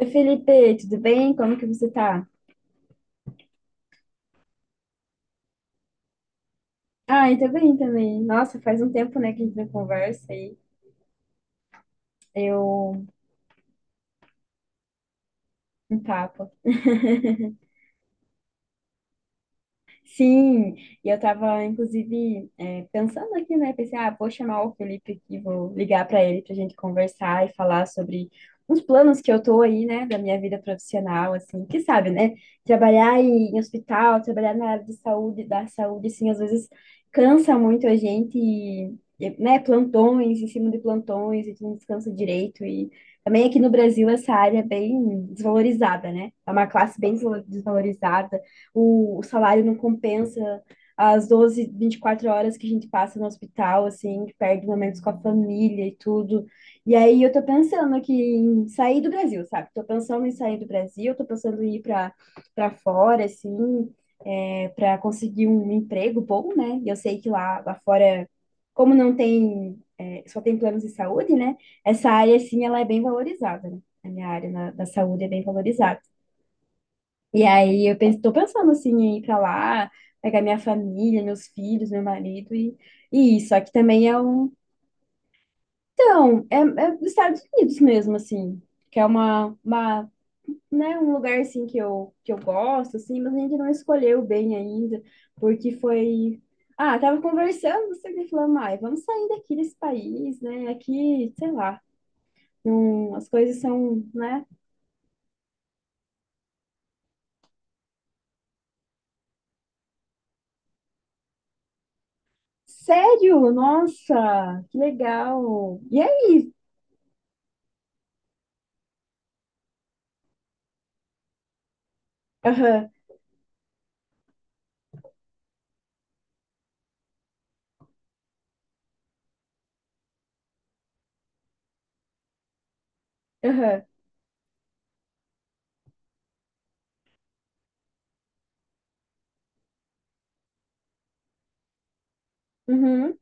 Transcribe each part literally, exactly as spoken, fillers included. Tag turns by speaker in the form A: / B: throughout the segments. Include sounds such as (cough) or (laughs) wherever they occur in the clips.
A: Oi, Felipe, tudo bem? Como que você tá? Ah, eu tô bem também. Nossa, faz um tempo, né, que a gente não conversa aí. Eu um papo. (laughs) Sim, e eu estava inclusive, é, pensando aqui, né? Pensei, ah, vou chamar o Felipe aqui, vou ligar para ele para a gente conversar e falar sobre uns planos que eu tô aí, né, da minha vida profissional, assim, que sabe, né? Trabalhar em, em hospital, trabalhar na área de saúde, da saúde, assim, às vezes cansa muito a gente, e, e, né? Plantões, em cima de plantões, a gente não descansa direito e também aqui no Brasil essa área é bem desvalorizada, né? É uma classe bem desvalorizada. O, o salário não compensa as doze vinte e quatro horas que a gente passa no hospital, assim, que perde momentos com a família e tudo. E aí eu tô pensando aqui em sair do Brasil, sabe? Tô pensando em sair do Brasil, tô pensando em ir para para fora, assim, é, para conseguir um emprego bom, né? E eu sei que lá, lá fora, como não tem, é, só tem planos de saúde, né? Essa área, assim, ela é bem valorizada, né? A minha área na, da saúde é bem valorizada. E aí eu penso, tô pensando assim, em ir pra lá, pegar minha família, meus filhos, meu marido e, e isso. Aqui também é um. Então, é, é dos Estados Unidos mesmo, assim, que é uma, uma, né, um lugar assim que eu, que eu gosto, assim, mas a gente não escolheu bem ainda, porque foi. Ah, tava conversando, você me falando, ai, vamos sair daqui desse país, né? Aqui, sei lá, não, as coisas são, né? Sério? Nossa, que legal! E aí? Aham. Aham. Uhum.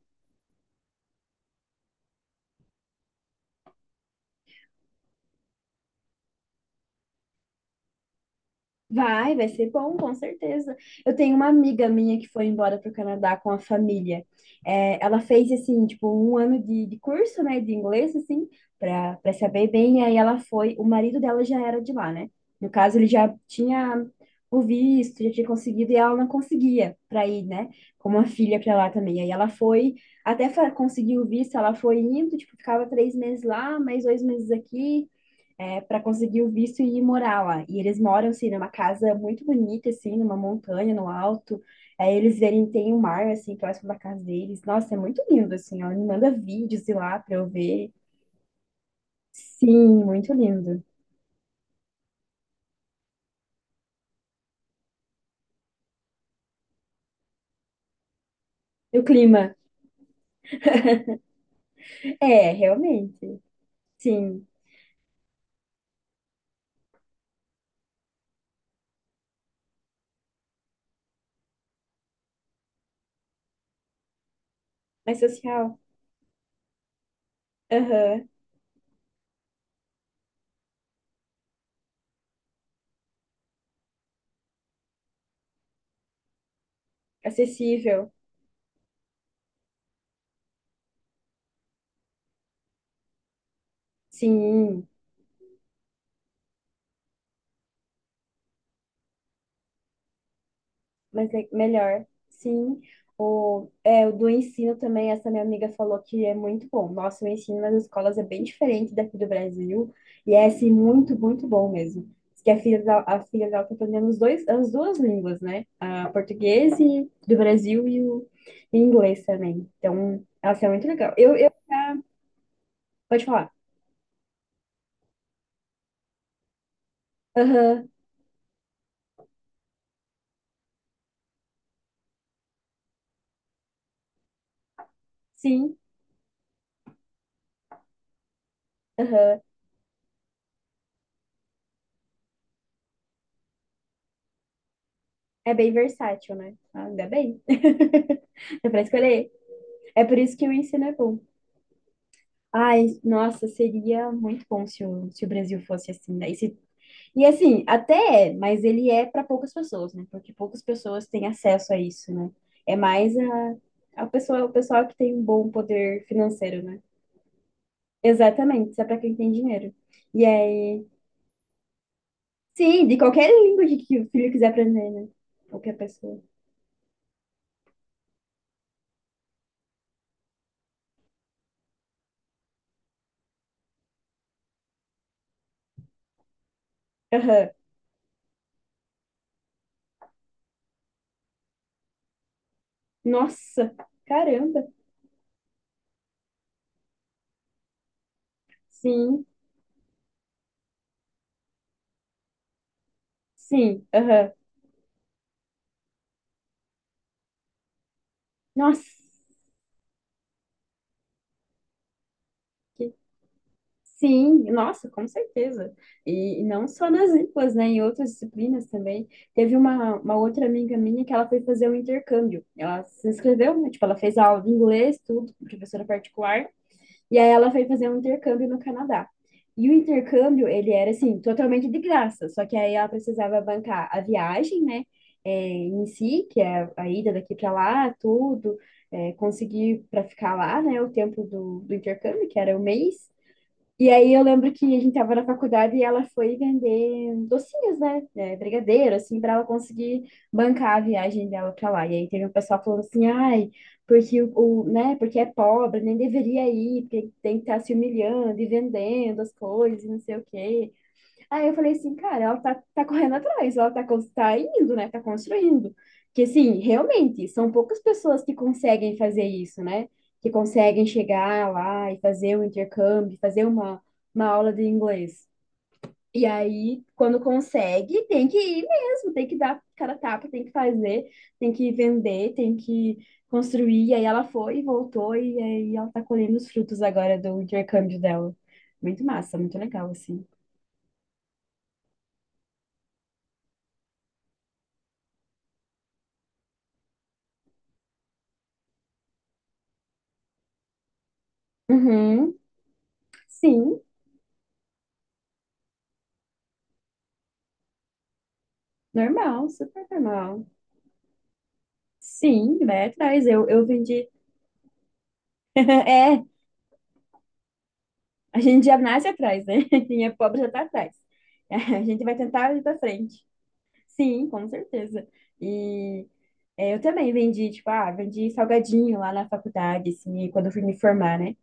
A: Vai, vai ser bom, com certeza. Eu tenho uma amiga minha que foi embora para o Canadá com a família. É, ela fez, assim, tipo, um ano de, de curso, né, de inglês, assim, para para saber bem. E aí ela foi, o marido dela já era de lá, né? No caso, ele já tinha o visto, já tinha conseguido, e ela não conseguia para ir, né, com uma filha para lá também. Aí ela foi, até fa- conseguir o visto, ela foi indo, tipo, ficava três meses lá, mais dois meses aqui. É, para conseguir o visto e ir morar lá. E eles moram, assim, numa casa muito bonita, assim, numa montanha, no alto. Aí eles verem, tem um mar, assim, próximo da casa deles. Nossa, é muito lindo, assim, ó. Me manda vídeos de lá pra eu ver. Sim, muito lindo. E o clima? É, realmente. Sim. Mais social. Aham. Acessível. Sim. Mas é melhor, sim. O, é, o do ensino também, essa minha amiga falou que é muito bom. Nossa, o ensino nas escolas é bem diferente daqui do Brasil. E é, assim, muito, muito bom mesmo. Diz que a filha dela, a filha dela tá aprendendo os dois, as duas línguas, né? A português e, do Brasil e o e inglês também. Então, ela é muito legal. Eu, eu, pode falar. Aham, sim, aham. É bem versátil, né? Ah, ainda bem. (laughs) Dá pra escolher. É por isso que o ensino é bom. Ai, nossa, seria muito bom se o, se o Brasil fosse assim, né? E, se- e assim, até é, mas ele é para poucas pessoas, né? Porque poucas pessoas têm acesso a isso, né? É mais a, a pessoa, o pessoal que tem um bom poder financeiro, né? Exatamente, isso é para quem tem dinheiro. E aí, sim, de qualquer língua que, que o filho quiser aprender, né? Qualquer pessoa. Aham. Nossa, caramba. Sim, sim, aham. Nossa, sim, nossa, com certeza. E, e não só nas línguas, né? Em outras disciplinas também. Teve uma, uma outra amiga minha que ela foi fazer um intercâmbio. Ela se inscreveu, né? Tipo, ela fez aula de inglês, tudo, com professora particular. E aí ela foi fazer um intercâmbio no Canadá. E o intercâmbio, ele era, assim, totalmente de graça. Só que aí ela precisava bancar a viagem, né? É, em si, que é a ida daqui para lá, tudo. É, conseguir para ficar lá, né? O tempo do, do intercâmbio, que era um mês. E aí eu lembro que a gente tava na faculdade e ela foi vender docinhos, né? É, brigadeiro, assim, pra ela conseguir bancar a viagem dela pra lá. E aí teve um pessoal falando assim, ai, porque o, o- né, porque é pobre, nem deveria ir, porque tem que estar se humilhando e vendendo as coisas, e não sei o quê. Aí eu falei assim, cara, ela tá, tá correndo atrás, ela tá, cons- tá indo, né? Tá construindo. Que assim, realmente, são poucas pessoas que conseguem fazer isso, né? Que conseguem chegar lá e fazer um intercâmbio, fazer uma, uma aula de inglês. E aí, quando consegue, tem que ir mesmo, tem que dar cara a tapa, tem que fazer, tem que vender, tem que construir. E aí ela foi e voltou, e aí ela tá colhendo os frutos agora do intercâmbio dela. Muito massa, muito legal, assim. Uhum. Sim, normal, super normal. Sim, vai atrás. Eu, eu vendi. (laughs) É, a gente já nasce atrás, né? (laughs) Quem é pobre já tá atrás. (laughs) A gente vai tentar ir pra frente. Sim, com certeza. E é, eu também vendi, tipo, ah, vendi salgadinho lá na faculdade, assim, e quando eu fui me formar, né?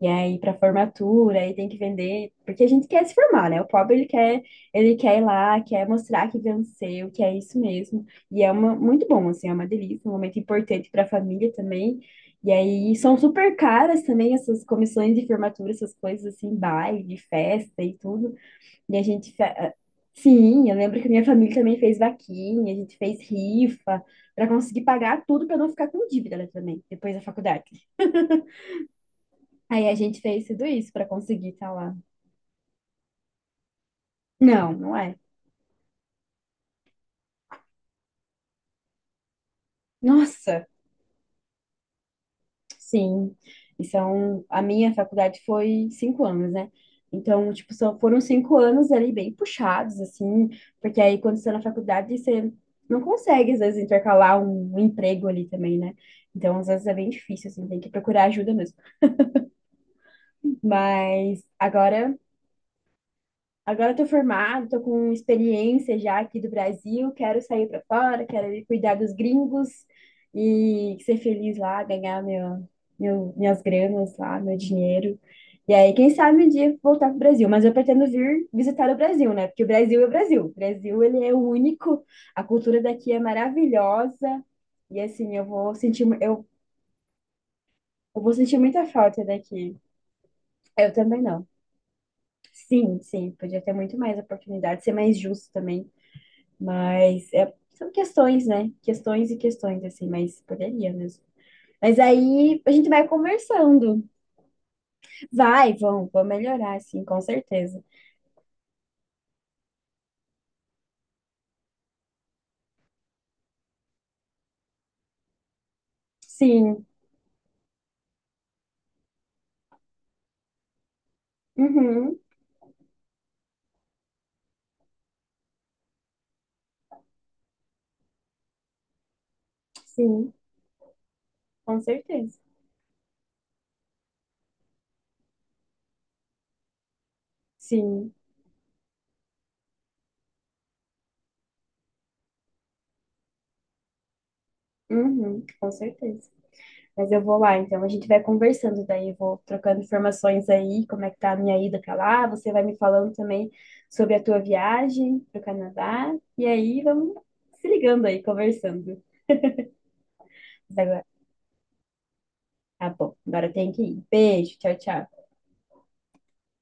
A: E aí, para formatura, aí tem que vender, porque a gente quer se formar, né? O pobre, ele quer, ele quer ir lá, quer mostrar que venceu, que é isso mesmo. E é uma, muito bom, assim, é uma delícia, um momento importante para a família também. E aí, são super caras também essas comissões de formatura, essas coisas assim, baile, festa e tudo. E a gente. fe- eh, Sim, eu lembro que minha família também fez vaquinha, a gente fez rifa para conseguir pagar tudo para não ficar com dívida né, também, depois da faculdade. Aí a gente fez tudo isso para conseguir estar lá. Não, não é. Nossa, sim. E são, a minha faculdade foi cinco anos, né? Então, tipo, só foram cinco anos ali bem puxados, assim, porque aí quando você está na faculdade, você não consegue, às vezes, intercalar um um emprego ali também, né? Então, às vezes é bem difícil, assim, tem que procurar ajuda mesmo. Mas agora, agora eu tô formada, tô com experiência já aqui do Brasil, quero sair para fora, quero ir cuidar dos gringos e ser feliz lá, ganhar meu, meu, minhas granas lá, meu dinheiro. E aí, quem sabe um dia voltar pro Brasil, mas eu pretendo vir visitar o Brasil, né? Porque o Brasil é o Brasil. O Brasil, ele é único, a cultura daqui é maravilhosa. E assim, eu vou sentir, mu- eu, eu vou sentir muita falta daqui. Eu também não. Sim, sim, podia ter muito mais oportunidade, ser mais justo também, mas é- são questões, né? Questões e questões, assim, mas poderia mesmo. Mas aí a gente vai conversando. Vai, vão, vão melhorar, sim, com certeza. Sim, uhum, sim, com certeza. Sim, uhum, com certeza. Mas eu vou lá, então a gente vai conversando, daí eu vou trocando informações aí, como é que tá a minha ida pra lá, você vai me falando também sobre a tua viagem pro Canadá, e aí vamos se ligando aí, conversando. Mas agora, tá bom, agora tem que ir. Beijo, tchau, tchau.